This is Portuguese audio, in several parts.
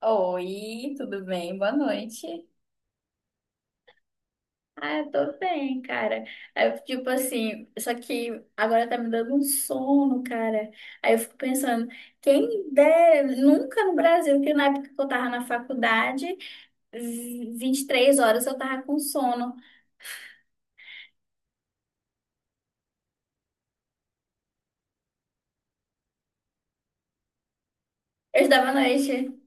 Oi, tudo bem? Boa noite. Ah, eu tô bem, cara. Aí eu, tipo assim, só que agora tá me dando um sono, cara. Aí eu fico pensando, quem dera, nunca no Brasil, que na época que eu tava na faculdade, 23 horas eu tava com sono. Eu estudava à noite.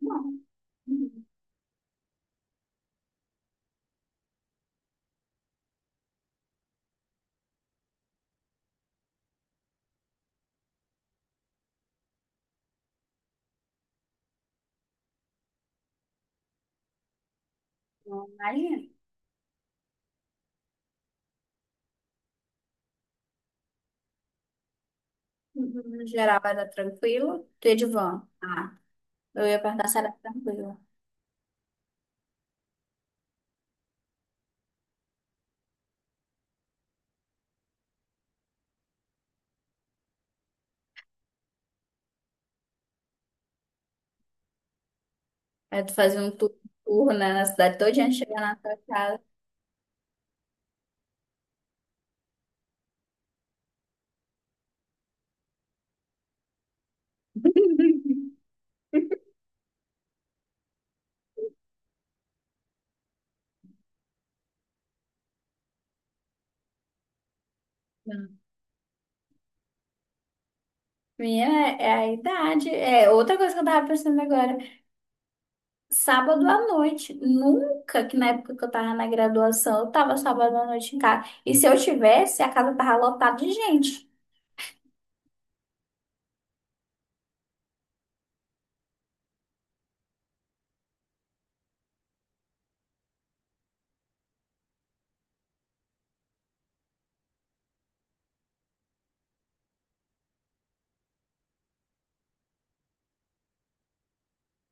Não, não, imagina. No geral era tranquilo. Tu ia de van. Ah, eu ia perguntar se era tranquilo. Aí tu fazia um turno na cidade toda, antes de chegar na tua casa. Não. Minha é a idade. É outra coisa que eu tava pensando agora. Sábado à noite. Nunca que na época que eu tava na graduação, eu tava sábado à noite em casa. E se eu tivesse, a casa tava lotada de gente.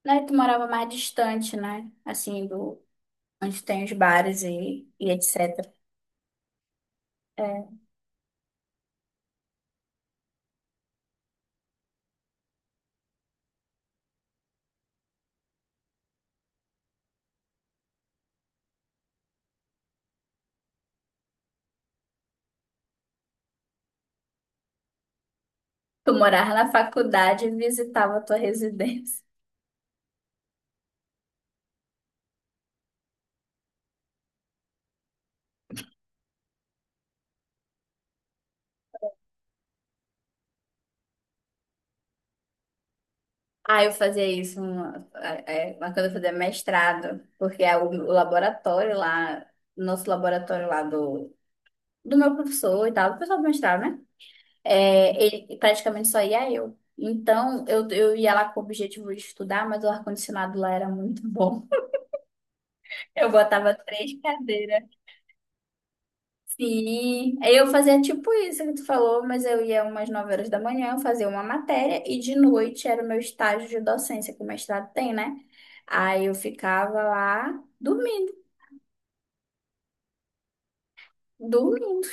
Né? Tu morava mais distante, né? Assim, do onde tem os bares e etc. Tu morava na faculdade e visitava a tua residência. Ah, eu fazia isso uma quando eu fazia mestrado, porque é o laboratório lá, nosso laboratório lá do meu professor e tal, do pessoal do mestrado, né? É, ele praticamente só ia eu. Então, eu ia lá com o objetivo de estudar, mas o ar-condicionado lá era muito bom. Eu botava três cadeiras. Sim, eu fazia tipo isso que tu falou, mas eu ia umas 9 horas da manhã, eu fazia uma matéria e de noite era o meu estágio de docência, que o mestrado tem, né? Aí eu ficava lá dormindo, dormindo.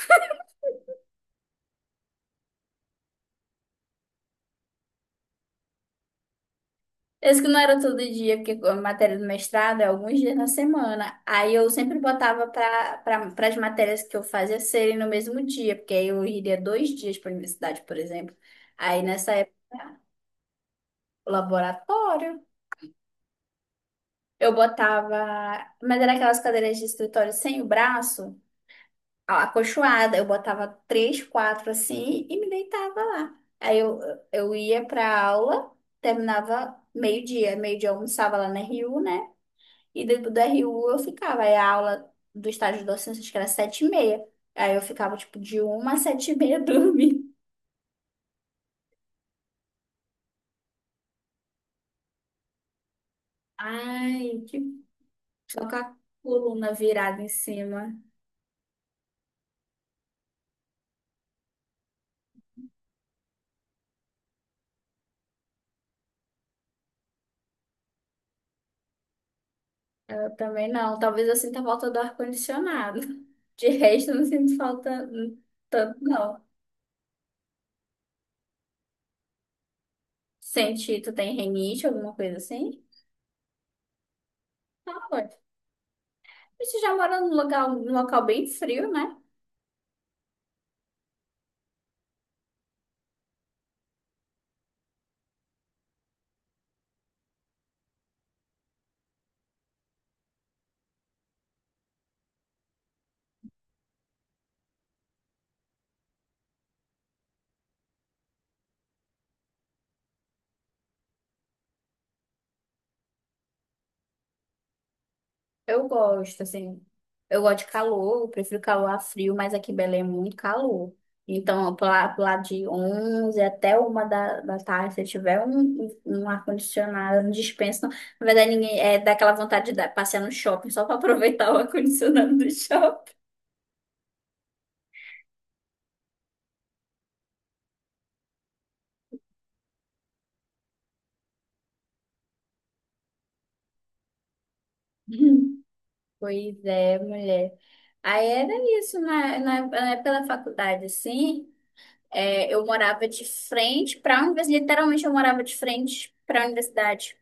Esse que não era todo dia, porque a matéria do mestrado é alguns dias na semana. Aí eu sempre botava para as matérias que eu fazia serem no mesmo dia, porque aí eu iria 2 dias para a universidade, por exemplo. Aí nessa época, laboratório. Eu botava. Mas era aquelas cadeiras de escritório sem o braço, acolchoada. Eu botava três, quatro assim e me deitava lá. Aí eu ia pra aula, terminava meio-dia. Meio-dia eu almoçava lá na RU, né? E dentro da RU eu ficava. Aí a aula do estágio de docência, acho que era 7:30. Aí eu ficava tipo de uma às 7:30 dormindo. Ai, que. Só com a coluna virada em cima. Eu também não. Talvez eu sinta falta do ar-condicionado. De resto, eu não sinto falta tanto, não. Senti, tu tem rinite, alguma coisa assim? Ah, pode. Você já mora num local bem frio, né? Eu gosto, assim. Eu gosto de calor, eu prefiro calor a frio, mas aqui em Belém é muito calor. Então, lá pro lado de 11 até uma da tarde, se tiver um ar-condicionado, não dispensa, não. Na verdade, ninguém é dá aquela vontade de passear no shopping só para aproveitar o ar-condicionado do shopping. Pois é, mulher. Aí era isso, época da faculdade, assim, é, eu morava de frente para a universidade, literalmente eu morava de frente para a universidade.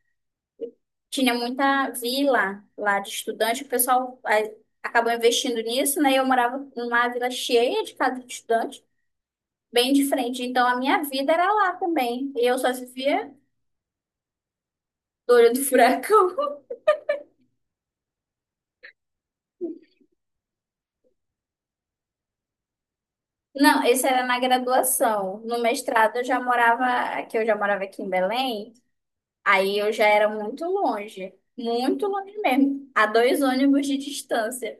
Tinha muita vila lá de estudante, o pessoal aí, acabou investindo nisso, né? Eu morava numa vila cheia de casa de estudante, bem de frente. Então a minha vida era lá também. E eu só vivia do olho do furacão. Não, esse era na graduação. No mestrado eu já morava aqui, eu já morava aqui em Belém. Aí eu já era muito longe mesmo, a dois ônibus de distância.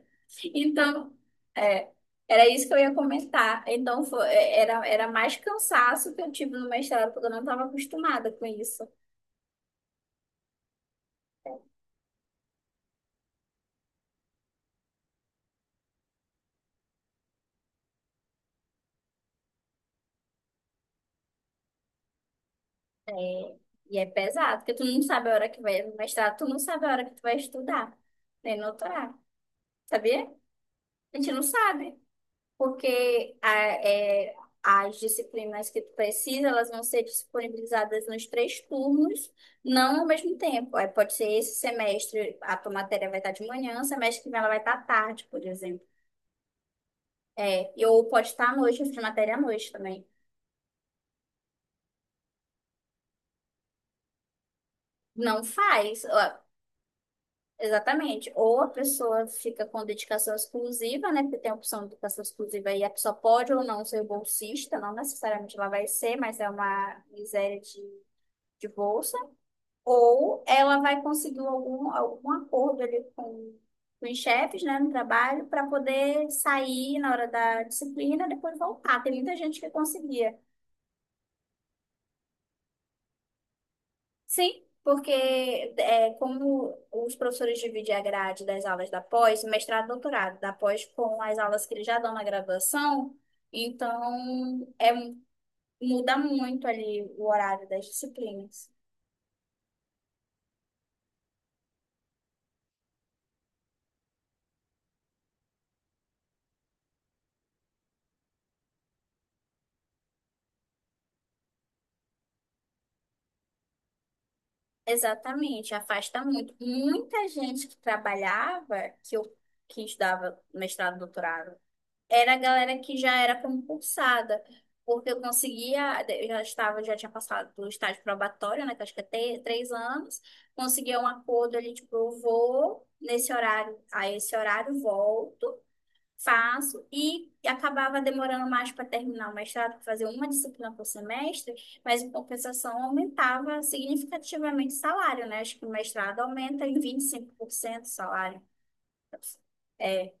Então, é, era isso que eu ia comentar. Então, era mais cansaço que eu tive no mestrado, porque eu não estava acostumada com isso. É, e é pesado, porque tu não sabe a hora que vai no mestrado, tu não sabe a hora que tu vai estudar, nem no doutorado, sabia? A gente não sabe porque é, as disciplinas que tu precisa, elas vão ser disponibilizadas nos três turnos, não ao mesmo tempo. Aí pode ser esse semestre, a tua matéria vai estar de manhã, o semestre que vem ela vai estar à tarde, por exemplo. É, e ou pode estar à noite, eu fiz matéria à noite também. Não faz, ó, exatamente. Ou a pessoa fica com dedicação exclusiva, né? Porque tem a opção de dedicação exclusiva e a pessoa pode ou não ser bolsista, não necessariamente ela vai ser, mas é uma miséria de bolsa. Ou ela vai conseguir algum acordo ali com os chefes, né, no trabalho, para poder sair na hora da disciplina e depois voltar. Tem muita gente que conseguia. Sim, porque é, como os professores dividem a grade das aulas da pós, mestrado, doutorado, da pós com as aulas que eles já dão na graduação, então é, muda muito ali o horário das disciplinas. Exatamente, afasta muito. Muita gente que trabalhava, que estudava mestrado, doutorado, era a galera que já era concursada, porque eu conseguia, eu já estava, já tinha passado do estágio probatório, né, que eu acho que é 3 anos, conseguia um acordo, ele tipo, eu vou nesse horário, a esse horário volto, faço e acabava demorando mais para terminar o mestrado, para fazer uma disciplina por semestre, mas em compensação aumentava significativamente o salário, né? Acho que o mestrado aumenta em 25% o salário. É,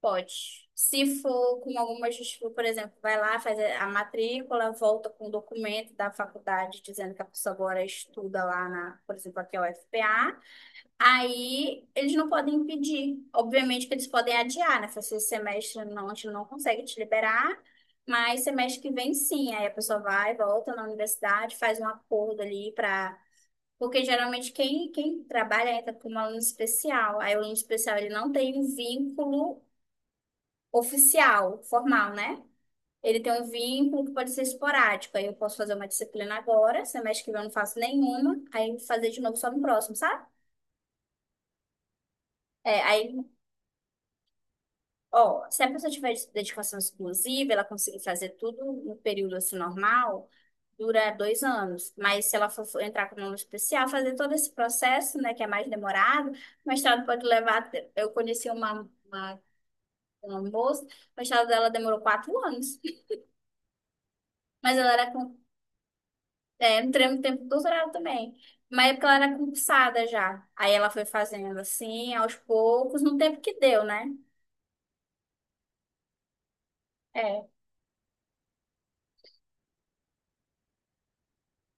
pode. Se for com alguma justificativa, por exemplo, vai lá, faz a matrícula, volta com o documento da faculdade dizendo que a pessoa agora estuda lá na, por exemplo, aqui é o UFPA. Aí eles não podem impedir. Obviamente que eles podem adiar, né? Se esse semestre não, a gente não consegue te liberar, mas semestre que vem sim. Aí a pessoa vai, volta na universidade, faz um acordo ali para. Porque geralmente quem trabalha entra como aluno especial. Aí o aluno especial ele não tem um vínculo oficial, formal, né? Ele tem um vínculo que pode ser esporádico. Aí eu posso fazer uma disciplina agora, semestre que vem eu não faço nenhuma, aí fazer de novo só no próximo, sabe? É, aí Ó, se a pessoa tiver dedicação exclusiva, ela conseguir fazer tudo no período assim normal, dura 2 anos. Mas se ela for entrar com um aluno especial, fazer todo esse processo, né, que é mais demorado, o mestrado pode levar. Eu conheci uma moça, o mestrado dela demorou 4 anos, mas ela era com. É, entrei no tempo do doutorado também. Mas é porque ela era concursada já. Aí ela foi fazendo assim, aos poucos, no tempo que deu, né? é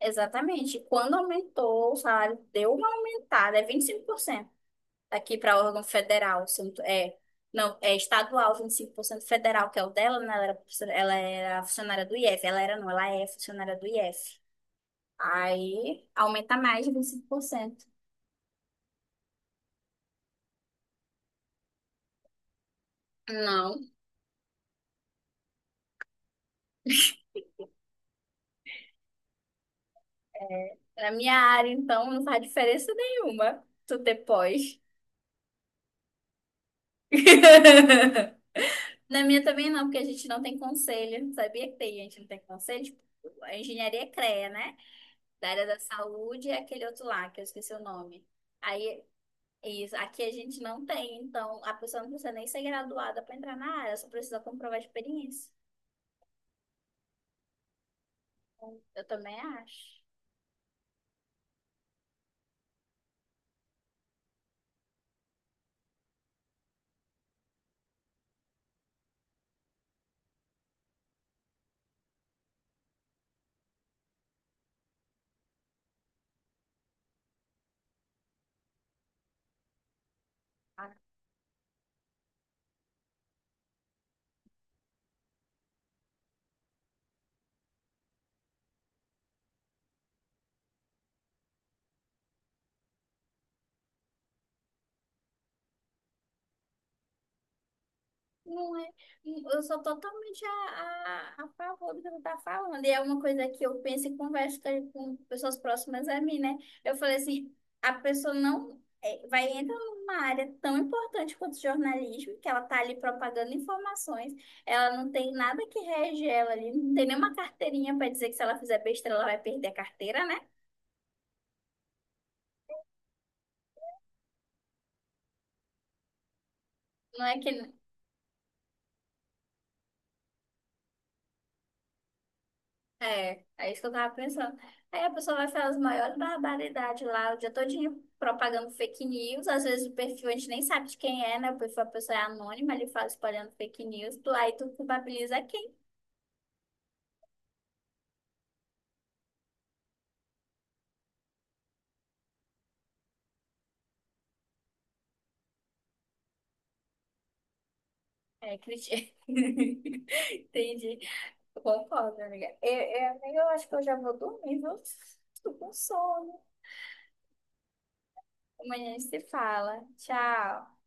Exatamente. Quando aumentou o salário, deu uma aumentada, é 25% aqui para órgão federal. Se eu não É, não, é estadual, 25% federal, que é o dela, né? Ela era funcionária do IF. Ela era, não, ela é funcionária do IF. Aí aumenta mais de 25%. Não, na minha área, então, não faz diferença nenhuma. Tu depois. Na minha também não, porque a gente não tem conselho. Sabia que tem gente que não tem conselho? Tipo, a engenharia é CREA, né? Da área da saúde e aquele outro lá, que eu esqueci o nome. Aí, isso, aqui a gente não tem, então a pessoa não precisa nem ser graduada para entrar na área, só precisa comprovar a experiência. Eu também acho. Não é, eu sou totalmente a favor do que você está falando. E é uma coisa que eu penso e converso com pessoas próximas a mim, né? Eu falei assim, a pessoa não é, vai entrar numa área tão importante quanto o jornalismo, que ela tá ali propagando informações, ela não tem nada que rege ela ali, não tem nenhuma carteirinha para dizer que se ela fizer besteira, ela vai perder a carteira, né? Não é que é isso que eu tava pensando. Aí a pessoa vai falar as maiores barbaridades lá, o dia todinho propagando fake news. Às vezes o perfil a gente nem sabe de quem é, né? O perfil da pessoa é anônima, ele fala espalhando fake news. Aí tu culpabiliza quem? É, Entendi. Eu concordo, amiga. Amiga, eu acho que eu já vou dormir, viu? Tô com sono. Amanhã a gente se fala. Tchau.